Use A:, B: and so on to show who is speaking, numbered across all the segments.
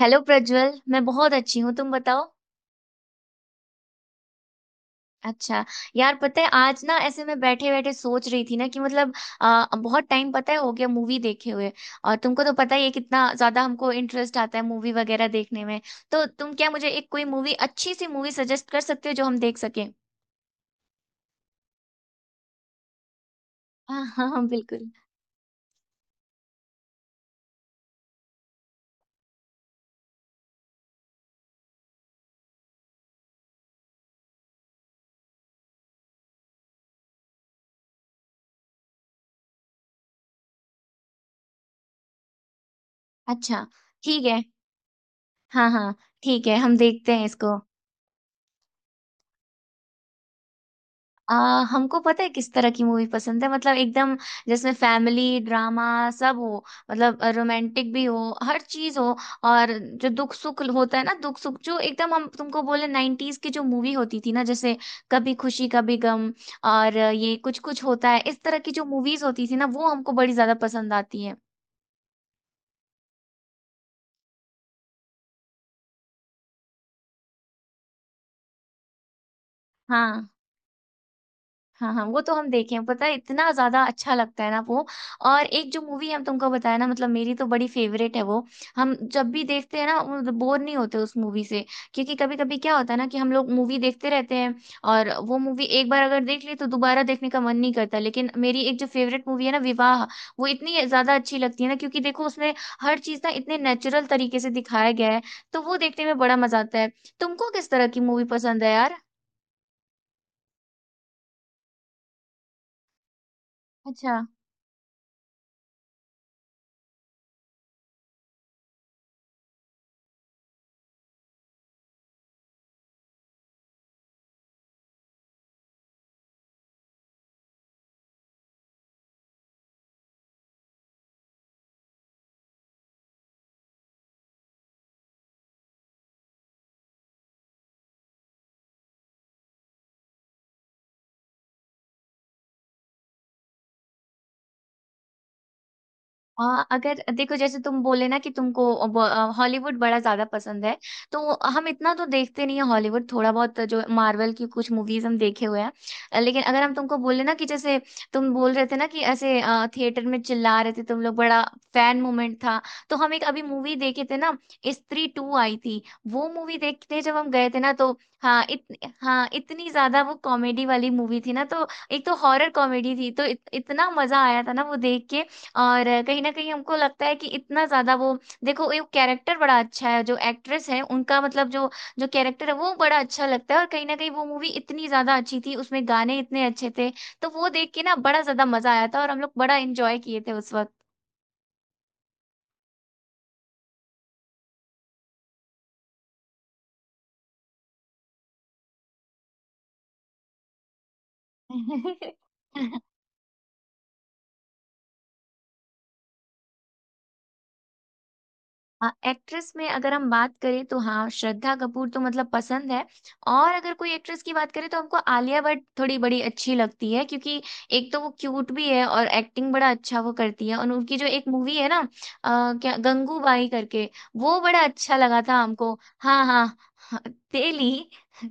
A: Hello Prajwal, मैं बहुत अच्छी हूँ, तुम बताओ। अच्छा। यार पता है आज ना ऐसे मैं बैठे बैठे सोच रही थी ना कि मतलब बहुत टाइम पता है हो गया मूवी देखे हुए। और तुमको तो पता ही है कितना ज्यादा हमको इंटरेस्ट आता है मूवी वगैरह देखने में। तो तुम क्या मुझे एक कोई मूवी अच्छी सी मूवी सजेस्ट कर सकते हो जो हम देख सकें? हाँ हाँ हाँ, बिल्कुल। अच्छा, ठीक है। हाँ हाँ। ठीक है, हम देखते हैं इसको। आ, हमको पता है किस तरह की मूवी पसंद है, मतलब एकदम जिसमें फैमिली ड्रामा सब हो, मतलब रोमांटिक भी हो, हर चीज हो। और जो दुख सुख होता है ना, दुख सुख, जो एकदम हम तुमको बोले नाइन्टीज की जो मूवी होती थी ना, जैसे कभी खुशी कभी गम और ये कुछ कुछ होता है, इस तरह की जो मूवीज होती थी ना वो हमको बड़ी ज्यादा पसंद आती है। हाँ हाँ, वो तो हम देखे हैं, पता है इतना ज्यादा अच्छा लगता है ना वो। और एक जो मूवी हम तुमको बताया ना, मतलब मेरी तो बड़ी फेवरेट है वो, हम जब भी देखते हैं ना बोर नहीं होते उस मूवी से। क्योंकि कभी कभी क्या होता है ना कि हम लोग मूवी देखते रहते हैं और वो मूवी एक बार अगर देख ली तो दोबारा देखने का मन नहीं करता, लेकिन मेरी एक जो फेवरेट मूवी है ना, विवाह, वो इतनी ज्यादा अच्छी लगती है ना, क्योंकि देखो उसमें हर चीज ना इतने नेचुरल तरीके से दिखाया गया है। तो वो देखने में बड़ा मजा आता है। तुमको किस तरह की मूवी पसंद है यार? अच्छा। हाँ अगर देखो, जैसे तुम बोले ना कि तुमको हॉलीवुड बड़ा ज्यादा पसंद है, तो हम इतना तो देखते नहीं है हॉलीवुड, थोड़ा बहुत जो मार्वल की कुछ मूवीज हम देखे हुए हैं। लेकिन अगर हम तुमको बोले ना, कि जैसे तुम बोल रहे थे ना कि ऐसे थिएटर में चिल्ला रहे थे तुम लोग, बड़ा फैन मोमेंट था, तो हम एक अभी मूवी देखे थे ना, स्त्री टू आई थी, वो मूवी देखते जब हम गए थे ना तो। हाँ हाँ इतनी ज्यादा वो कॉमेडी वाली मूवी थी ना, तो एक तो हॉरर कॉमेडी थी तो इतना मजा आया था ना वो देख के। और कहीं ना कहीं हमको लगता है कि इतना ज्यादा वो, देखो ये कैरेक्टर बड़ा अच्छा है, जो एक्ट्रेस है उनका मतलब जो, जो कैरेक्टर है वो बड़ा अच्छा लगता है। और कहीं ना कहीं वो मूवी इतनी ज्यादा अच्छी थी, उसमें गाने इतने अच्छे थे, तो वो देख के ना बड़ा ज्यादा मजा आया था और हम लोग बड़ा एंजॉय किए थे उस वक्त। हाँ, एक्ट्रेस में अगर हम बात करें तो हाँ श्रद्धा कपूर तो मतलब पसंद है। और अगर कोई एक्ट्रेस की बात करें तो हमको आलिया भट्ट थोड़ी बड़ी अच्छी लगती है, क्योंकि एक तो वो क्यूट भी है और एक्टिंग बड़ा अच्छा वो करती है, और उनकी जो एक मूवी है ना क्या गंगूबाई करके, वो बड़ा अच्छा लगा था हमको। हाँ हाँ। हाँ, तेली।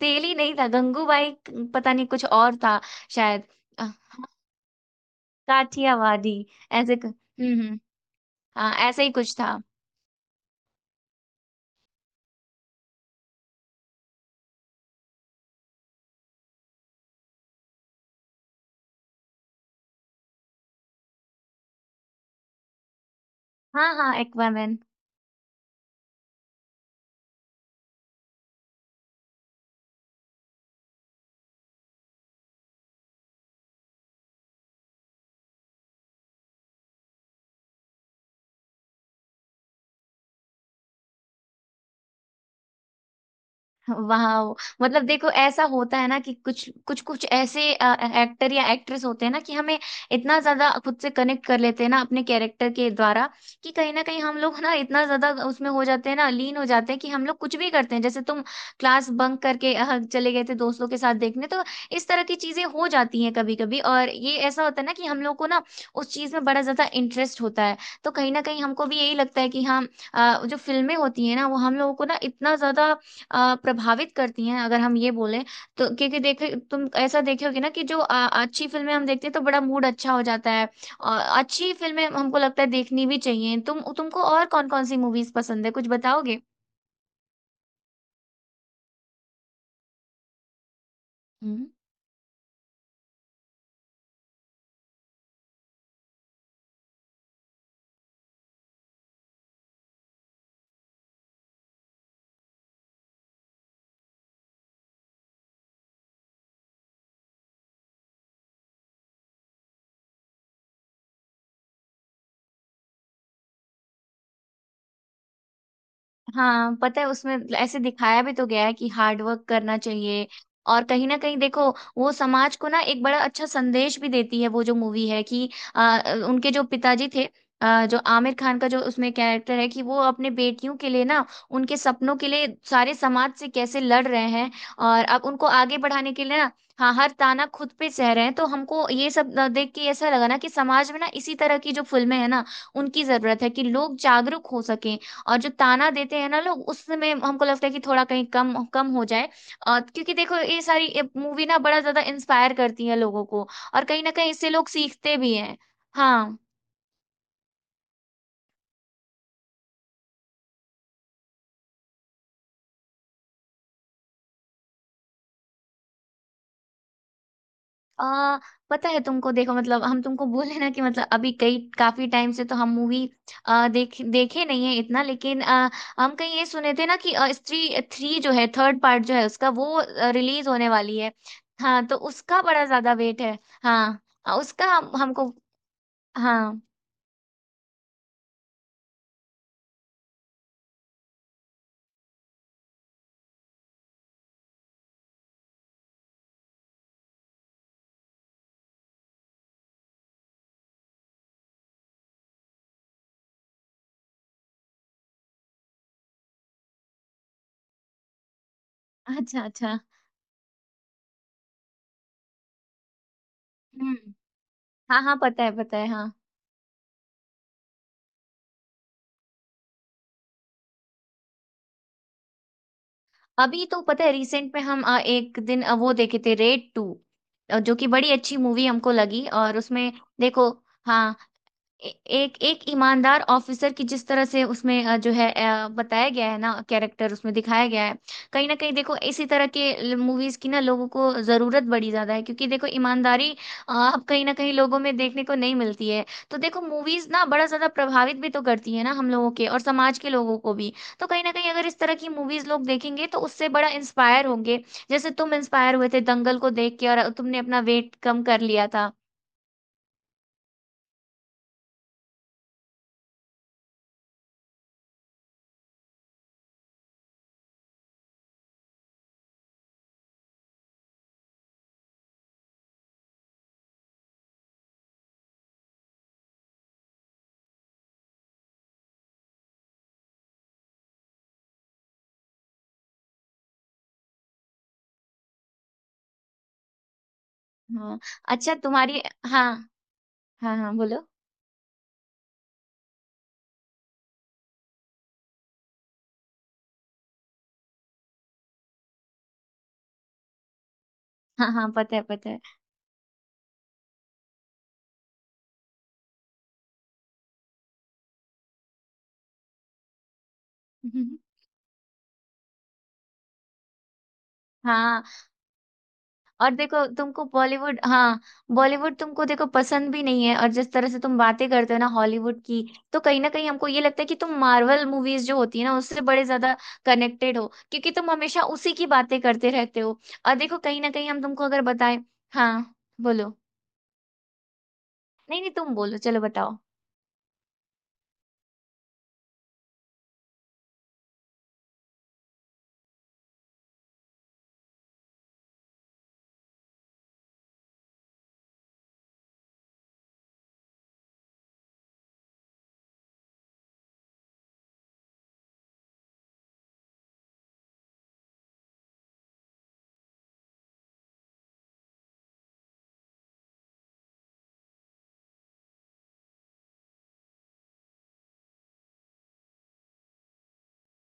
A: तेली नहीं था गंगूबाई, पता नहीं कुछ और था शायद। अ, काठियावाड़ी। हम्म। हाँ ऐसे ही कुछ था। हाँ हाँ एक्वामैन। वाह। मतलब देखो ऐसा होता है ना कि कुछ कुछ कुछ ऐसे एक्टर या एक्ट्रेस होते हैं ना कि हमें इतना ज्यादा खुद से कनेक्ट कर लेते हैं ना अपने कैरेक्टर के द्वारा, कि कहीं ना कहीं हम लोग ना इतना ज्यादा उसमें हो जाते हैं ना, लीन हो जाते हैं कि हम लोग कुछ भी करते हैं, जैसे तुम क्लास बंक करके चले गए थे दोस्तों के साथ देखने। तो इस तरह की चीजें हो जाती हैं कभी कभी, और ये ऐसा होता है ना कि हम लोग को ना उस चीज में बड़ा ज्यादा इंटरेस्ट होता है। तो कहीं ना कहीं हमको भी यही लगता है कि हाँ, जो फिल्में होती है ना वो हम लोगों को ना इतना ज्यादा प्रभावित करती हैं, अगर हम ये बोलें तो, क्योंकि देखे तुम ऐसा देखे होगे ना कि जो अच्छी फिल्में हम देखते हैं तो बड़ा मूड अच्छा हो जाता है, और अच्छी फिल्में हमको लगता है देखनी भी चाहिए। तुमको और कौन कौन सी मूवीज पसंद है, कुछ बताओगे? हम्म। हाँ पता है, उसमें ऐसे दिखाया भी तो गया है कि हार्ड वर्क करना चाहिए, और कहीं ना कहीं देखो वो समाज को ना एक बड़ा अच्छा संदेश भी देती है वो जो मूवी है कि आ, उनके जो पिताजी थे, जो आमिर खान का जो उसमें कैरेक्टर है कि वो अपने बेटियों के लिए ना उनके सपनों के लिए सारे समाज से कैसे लड़ रहे हैं, और अब उनको आगे बढ़ाने के लिए ना, हाँ, हर ताना खुद पे सह रहे हैं। तो हमको ये सब देख के ऐसा लगा ना कि समाज में ना इसी तरह की जो फिल्में हैं ना, उनकी जरूरत है कि लोग जागरूक हो सके। और जो ताना देते हैं ना लोग उसमें, हमको लगता है कि थोड़ा कहीं कम कम हो जाए, क्योंकि देखो ये सारी मूवी ना बड़ा ज्यादा इंस्पायर करती है लोगों को, और कहीं ना कहीं इससे लोग सीखते भी हैं। हाँ। आ, पता है तुमको, देखो मतलब हम तुमको बोले ना कि मतलब अभी कई काफी टाइम से तो हम मूवी देखे नहीं है इतना, लेकिन हम कहीं ये सुने थे ना कि स्त्री थ्री जो है, थर्ड पार्ट जो है उसका, वो रिलीज होने वाली है। हाँ, तो उसका बड़ा ज्यादा वेट है। हाँ उसका हमको, हाँ। अच्छा अच्छा। हम्म। हाँ हाँ पता है हाँ। अभी तो पता है रिसेंट में हम एक दिन वो देखे थे, रेड टू, जो कि बड़ी अच्छी मूवी हमको लगी, और उसमें देखो, हाँ ए- एक एक ईमानदार ऑफिसर की जिस तरह से उसमें, जो है, बताया गया है ना कैरेक्टर उसमें दिखाया गया है। कहीं ना कहीं देखो इसी तरह के मूवीज की ना लोगों को जरूरत बड़ी ज्यादा है, क्योंकि देखो ईमानदारी अब कहीं ना कहीं लोगों में देखने को नहीं मिलती है। तो देखो मूवीज ना बड़ा ज्यादा प्रभावित भी तो करती है ना हम लोगों के और समाज के लोगों को भी, तो कहीं ना कहीं अगर इस तरह की मूवीज लोग देखेंगे तो उससे बड़ा इंस्पायर होंगे, जैसे तुम इंस्पायर हुए थे दंगल को देख के और तुमने अपना वेट कम कर लिया था। हाँ। अच्छा तुम्हारी, हाँ। हाँ हाँ बोलो। हाँ हाँ पता है पता है। हाँ। और देखो तुमको बॉलीवुड, हाँ, बॉलीवुड तुमको देखो पसंद भी नहीं है, और जिस तरह से तुम बातें करते हो ना हॉलीवुड की, तो कहीं ना कहीं हमको ये लगता है कि तुम मार्वल मूवीज जो होती है ना उससे बड़े ज्यादा कनेक्टेड हो, क्योंकि तुम हमेशा उसी की बातें करते रहते हो। और देखो कहीं ना कहीं हम तुमको अगर बताएं। हाँ बोलो। नहीं नहीं, तुम बोलो, चलो बताओ।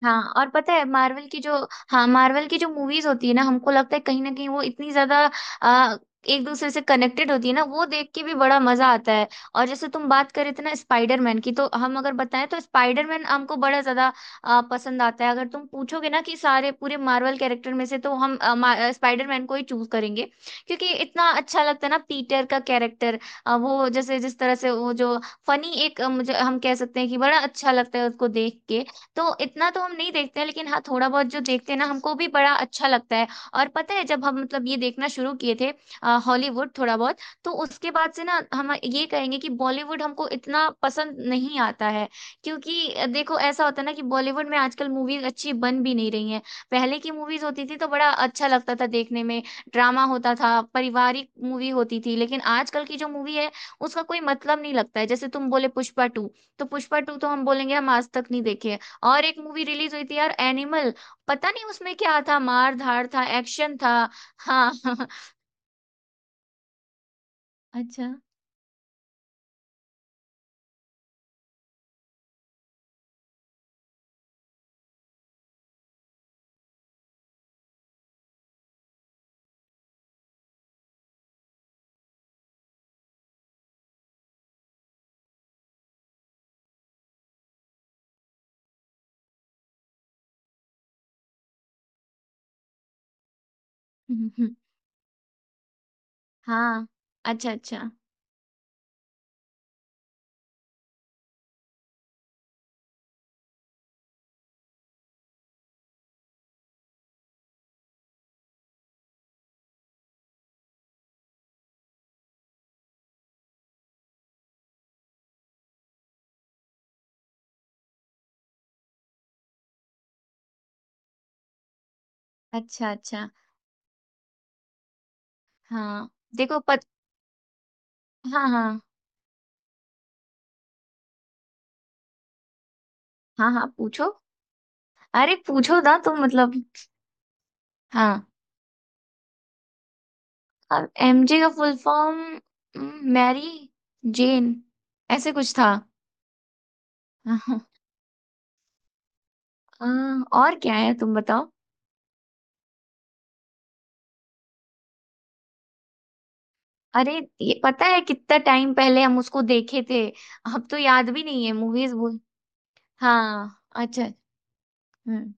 A: हाँ और पता है मार्वल की जो, हाँ मार्वल की जो मूवीज होती है ना हमको लगता है कहीं ना कहीं वो इतनी ज्यादा आ, एक दूसरे से कनेक्टेड होती है ना, वो देख के भी बड़ा मजा आता है। और जैसे तुम बात करे थे ना स्पाइडरमैन की, तो हम अगर बताएं तो स्पाइडरमैन हमको बड़ा ज्यादा पसंद आता है। अगर तुम पूछोगे ना कि सारे पूरे मार्वल कैरेक्टर में से, तो हम स्पाइडरमैन को ही चूज करेंगे, क्योंकि इतना अच्छा लगता है ना पीटर का कैरेक्टर। वो जैसे जिस तरह से वो जो फनी एक मुझे हम कह सकते हैं कि बड़ा अच्छा लगता है उसको देख के। तो इतना तो हम नहीं देखते हैं, लेकिन हाँ थोड़ा बहुत जो देखते हैं ना, हमको भी बड़ा अच्छा लगता है। और पता है जब हम मतलब ये देखना शुरू किए थे हॉलीवुड थोड़ा बहुत, तो उसके बाद से ना हम ये कहेंगे कि बॉलीवुड हमको इतना पसंद नहीं आता है, क्योंकि देखो ऐसा होता है ना कि बॉलीवुड में आजकल मूवीज अच्छी बन भी नहीं रही हैं। पहले की मूवीज होती थी तो बड़ा अच्छा लगता था देखने में, ड्रामा होता था, पारिवारिक मूवी होती थी, लेकिन आजकल की जो मूवी है उसका कोई मतलब नहीं लगता है। जैसे तुम बोले पुष्पा टू, तो पुष्पा टू तो हम बोलेंगे हम आज तक नहीं देखे। और एक मूवी रिलीज हुई थी यार एनिमल, पता नहीं उसमें क्या था, मार धाड़ था, एक्शन था। हाँ। अच्छा। हम्म। हाँ। अच्छा अच्छा। अच्छा अच्छा। हाँ देखो, पत हाँ हाँ हाँ। हाँ पूछो। अरे पूछो ना तुम, मतलब। हाँ। अब एमजे का फुल फॉर्म, मैरी जेन, ऐसे कुछ था। हाँ, हाँ, और क्या है तुम बताओ? अरे, ये पता है कितना टाइम पहले हम उसको देखे थे, अब तो याद भी नहीं है मूवीज। हाँ अच्छा। हम्म।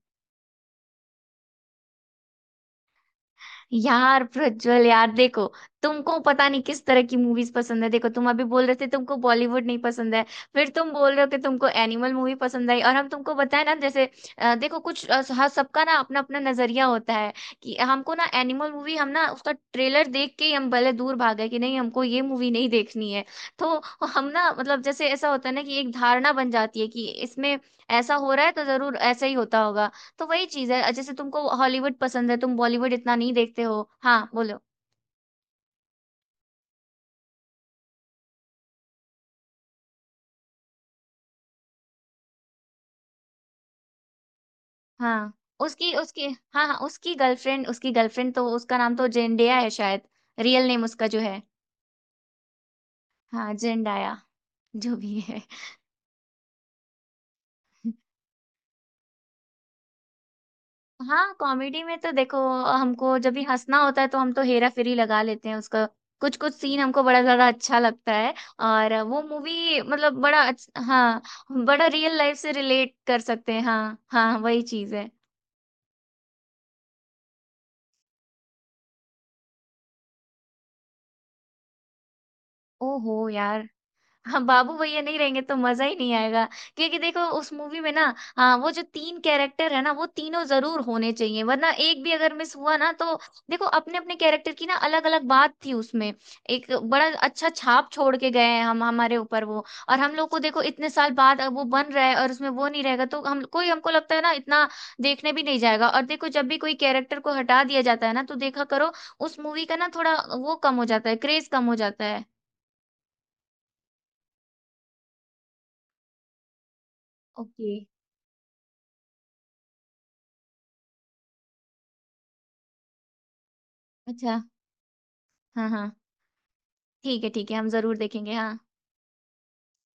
A: यार प्रज्वल, यार देखो, तुमको पता नहीं किस तरह की मूवीज पसंद है, देखो तुम अभी बोल रहे थे तुमको बॉलीवुड नहीं पसंद है, फिर तुम बोल रहे हो कि तुमको एनिमल मूवी पसंद आई, और हम तुमको बताए ना जैसे देखो, कुछ हर सबका ना अपना अपना नजरिया होता है, कि हमको ना एनिमल मूवी हम ना उसका ट्रेलर देख के ही हम भले दूर भाग गए कि नहीं हमको ये मूवी नहीं देखनी है। तो हम ना मतलब जैसे ऐसा होता है ना कि एक धारणा बन जाती है कि इसमें ऐसा हो रहा है, तो जरूर ऐसा ही होता होगा। तो वही चीज है, जैसे तुमको हॉलीवुड पसंद है तुम बॉलीवुड इतना नहीं देखते हो। हाँ बोलो। हाँ, उसकी उसकी, हाँ हाँ उसकी गर्लफ्रेंड तो उसका नाम तो जेंडिया है शायद, रियल नेम उसका जो है। हाँ जेंडाया, जो भी है। हाँ, कॉमेडी में तो देखो, हमको जब भी हंसना होता है तो हम तो हेरा फेरी लगा लेते हैं। उसका कुछ कुछ सीन हमको बड़ा ज्यादा अच्छा लगता है, और वो मूवी मतलब हाँ, बड़ा रियल लाइफ से रिलेट कर सकते हैं, हाँ हाँ वही चीज है। ओहो यार, हाँ बाबू भैया नहीं रहेंगे तो मजा ही नहीं आएगा, क्योंकि देखो उस मूवी में ना, हाँ वो जो तीन कैरेक्टर है ना, वो तीनों जरूर होने चाहिए, वरना एक भी अगर मिस हुआ ना तो देखो, अपने अपने कैरेक्टर की ना अलग अलग बात थी उसमें। एक बड़ा अच्छा छाप छोड़ के गए हैं हम हमारे ऊपर वो, और हम लोग को देखो इतने साल बाद अब वो बन रहा है और उसमें वो नहीं रहेगा तो हम कोई हमको लगता है ना इतना देखने भी नहीं जाएगा। और देखो जब भी कोई कैरेक्टर को हटा दिया जाता है ना तो देखा करो, उस मूवी का ना थोड़ा वो कम हो जाता है, क्रेज कम हो जाता है। ओके। अच्छा हाँ हाँ, ठीक है हम जरूर देखेंगे हाँ।